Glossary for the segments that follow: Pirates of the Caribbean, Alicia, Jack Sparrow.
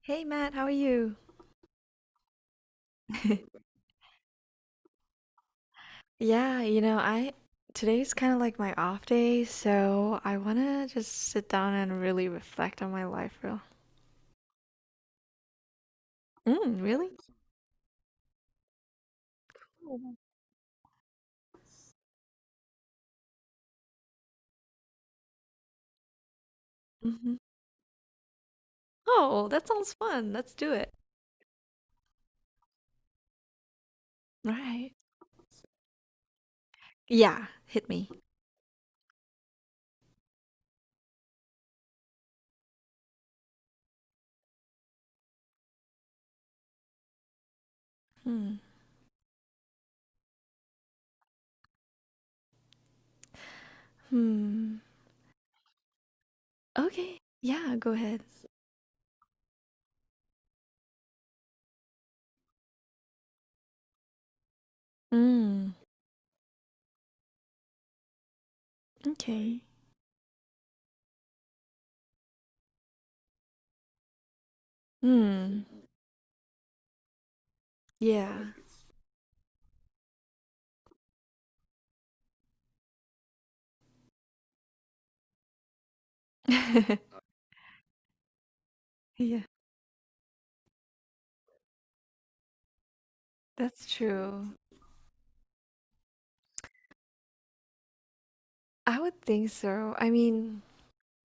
Hey Matt, how are you? Yeah, you know, I today's kind of like my off day, so I want to just sit down and really reflect on my life real. Mm, really? Oh, hmm. Oh, that sounds fun. Let's do it. Right. Yeah, hit me. Hmm. Hmm. Okay. Yeah, go ahead. Mm, okay. Hmm. Yeah. Yeah, that's true. I would think so. I mean,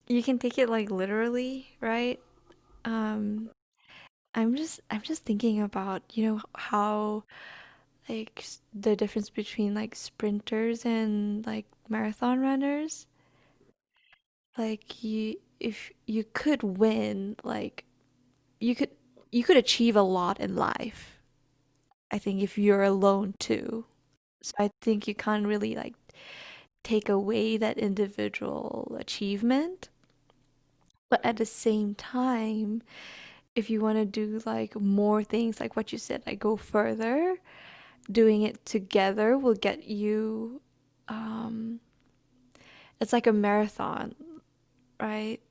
you can take it like literally, right? Um, I'm just thinking about, you know, how like the difference between like sprinters and like marathon runners. Like you if you could win, like you could you could achieve a lot in life. I think if you're alone too. So I think you can't really like take away that individual achievement. But at the same time, if you want to do like more things, like what you said, like go further doing it together will get you um it's like a marathon, right?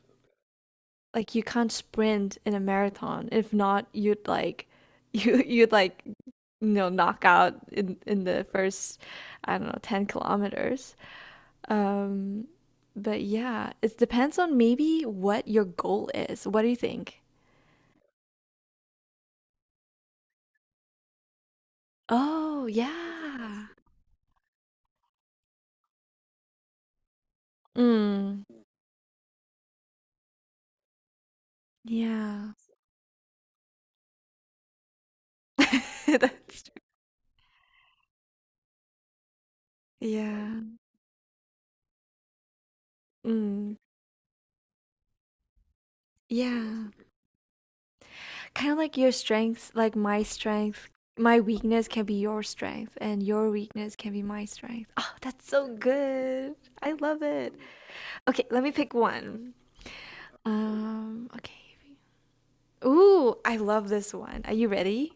Like you can't sprint in a marathon. If not, you'd like you'd like you know knock out in the first I don't know 10 kilometers. Um but yeah, it depends on maybe what your goal is. What do you think? Oh, yeah. Mm, yeah. That's true. Yeah. Mm, yeah. Kind of like your strengths, like my strength, my weakness can be your strength, and your weakness can be my strength. Oh, that's so good. I love it. Okay, let me pick one. Okay. Ooh, I love this one. Are you ready?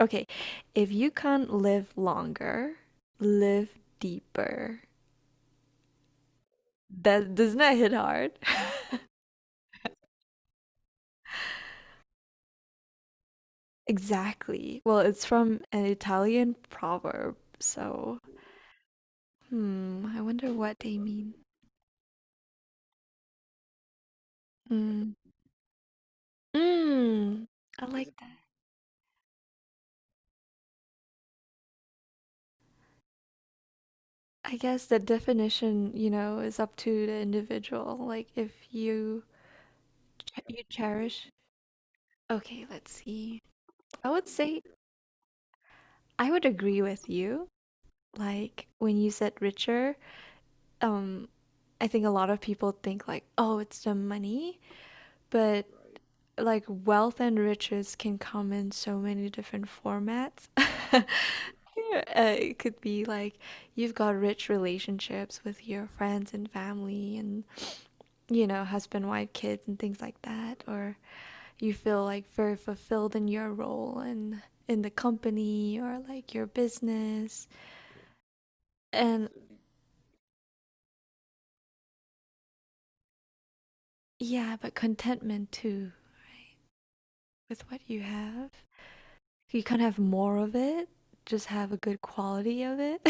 Okay. If you can't live longer, live deeper. That doesn't that hit hard? Exactly. Well, it's from an Italian proverb, so hmm, I wonder what they mean. Hmm. Mm, I like that. I guess the definition, you know, is up to the individual. Like if you ch you cherish. Okay, let's see. I would say I would agree with you. Like when you said richer, um, I think a lot of people think like, oh, it's the money, but like wealth and riches can come in so many different formats. It could be like you've got rich relationships with your friends and family and you know husband wife kids and things like that or you feel like very fulfilled in your role and in the company or like your business and yeah but contentment too with what you have you can't have more of it just have a good quality of it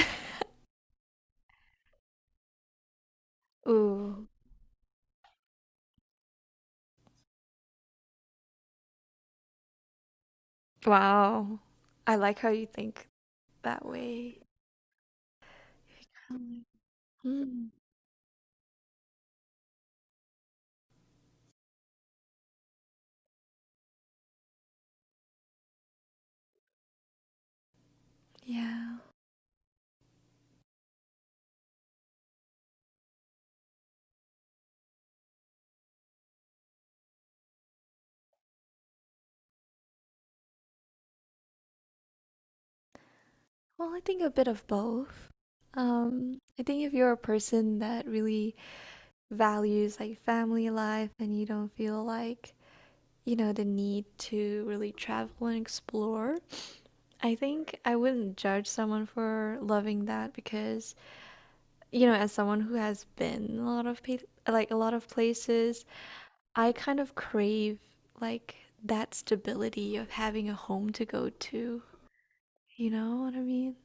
ooh. Wow. I like how you think that way. Um, Mm, yeah. Well, I think a bit of both. I think if you're a person that really values like family life and you don't feel like, you know, the need to really travel and explore, I think I wouldn't judge someone for loving that because, you know, as someone who has been a lot of pa like a lot of places, I kind of crave like that stability of having a home to go to. You know what I mean?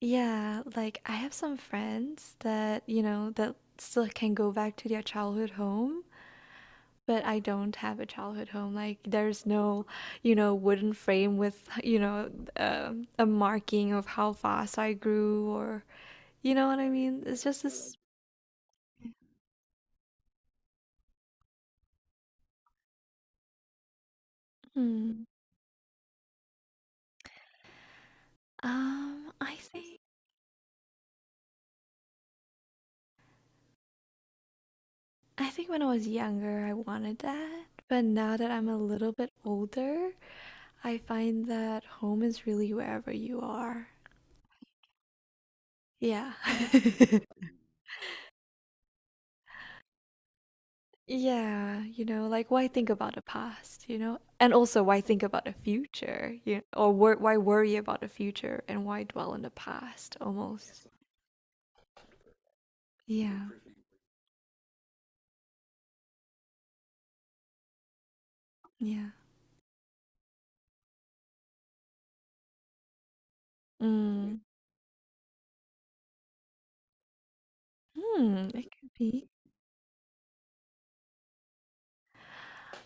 Yeah, like I have some friends that, you know, that still can go back to their childhood home, but I don't have a childhood home. Like there's no, you know, wooden frame with, you know, a marking of how fast I grew or, you know what I mean? It's just this. Hmm. I think. I think when I was younger, I wanted that. But now that I'm a little bit older, I find that home is really wherever you are. Yeah. Yeah, you know, like why think about the past, you know? And also why think about the future, you know, or wor why worry about the future and why dwell on the past almost. Yeah. Yeah. Mm. Hmm, it could be.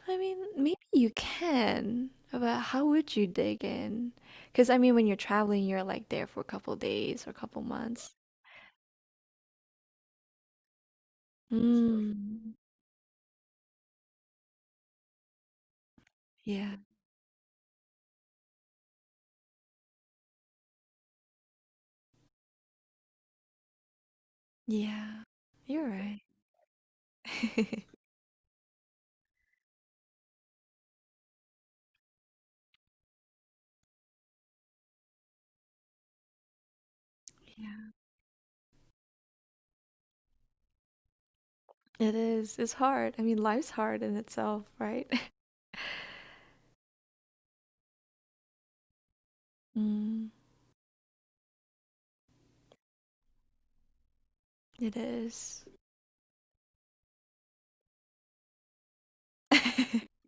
I mean, maybe you can, but how would you dig in? Because I mean, when you're traveling, you're like there for a couple days or a couple months. Mm. Yeah. Yeah. You're right. Yeah. It is. It's hard. I mean, life's hard in itself, right? Mm, it is.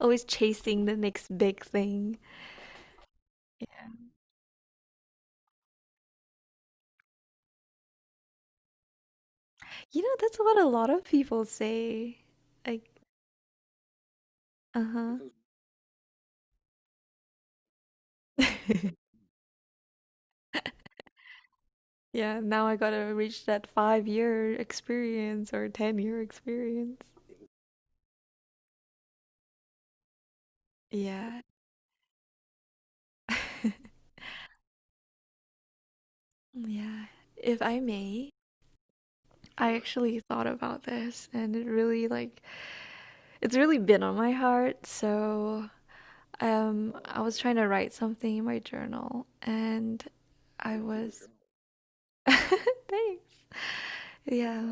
Always chasing the next big thing. You know, that's what a lot of people say. Like, uh-huh. Yeah, now I gotta reach that 5 year experience or 10-year experience. Yeah, yeah. If I may, I actually thought about this and it really, like, it's really been on my heart. So, I was trying to write something in my journal and I was. Thanks. Yeah.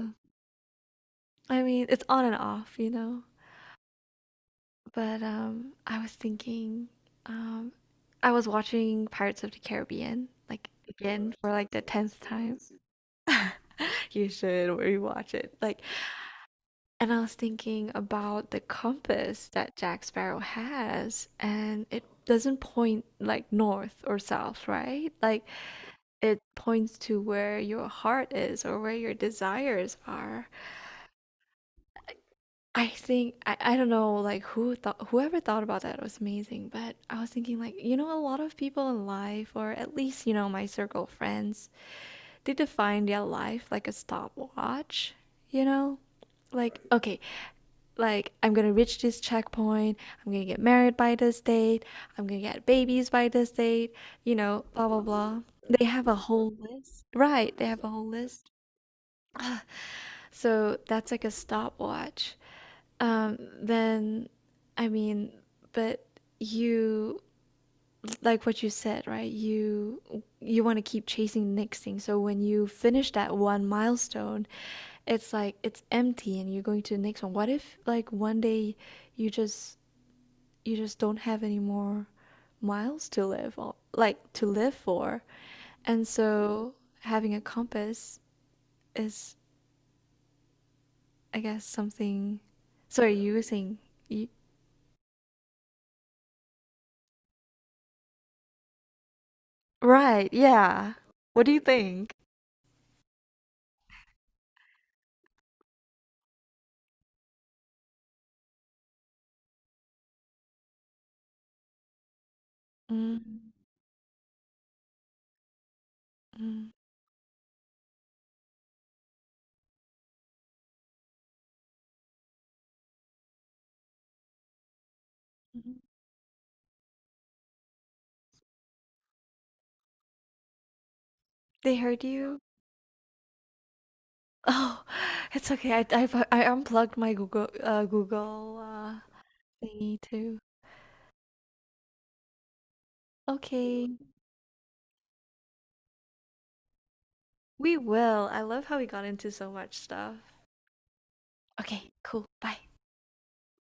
I mean, it's on and off, you know? But I was thinking, um, I was watching Pirates of the Caribbean, like again for like the tenth time. You should rewatch it. Like, and I was thinking about the compass that Jack Sparrow has, and it doesn't point like north or south, right? Like, it points to where your heart is or where your desires are. I don't know like whoever thought about that was amazing, but I was thinking like you know a lot of people in life or at least you know my circle of friends they define their life like a stopwatch, you know? Like okay, like I'm gonna reach this checkpoint, I'm gonna get married by this date, I'm gonna get babies by this date, you know, blah blah blah. They have a whole list. Right, they have a whole list. So that's like a stopwatch. Um, then, I mean, but you like what you said, right? You want to keep chasing the next thing. So when you finish that one milestone, it's like it's empty, and you're going to the next one. What if like one day you just you just don't have any more miles to live or like to live for, and so having a compass is I guess something. Sorry, you were saying. You... Right, yeah. What do you think? Mm, mm, mhm. They heard you? Oh, it's okay. I unplugged my Google Google thingy too. Okay, we will. I love how we got into so much stuff. Okay, cool. Bye.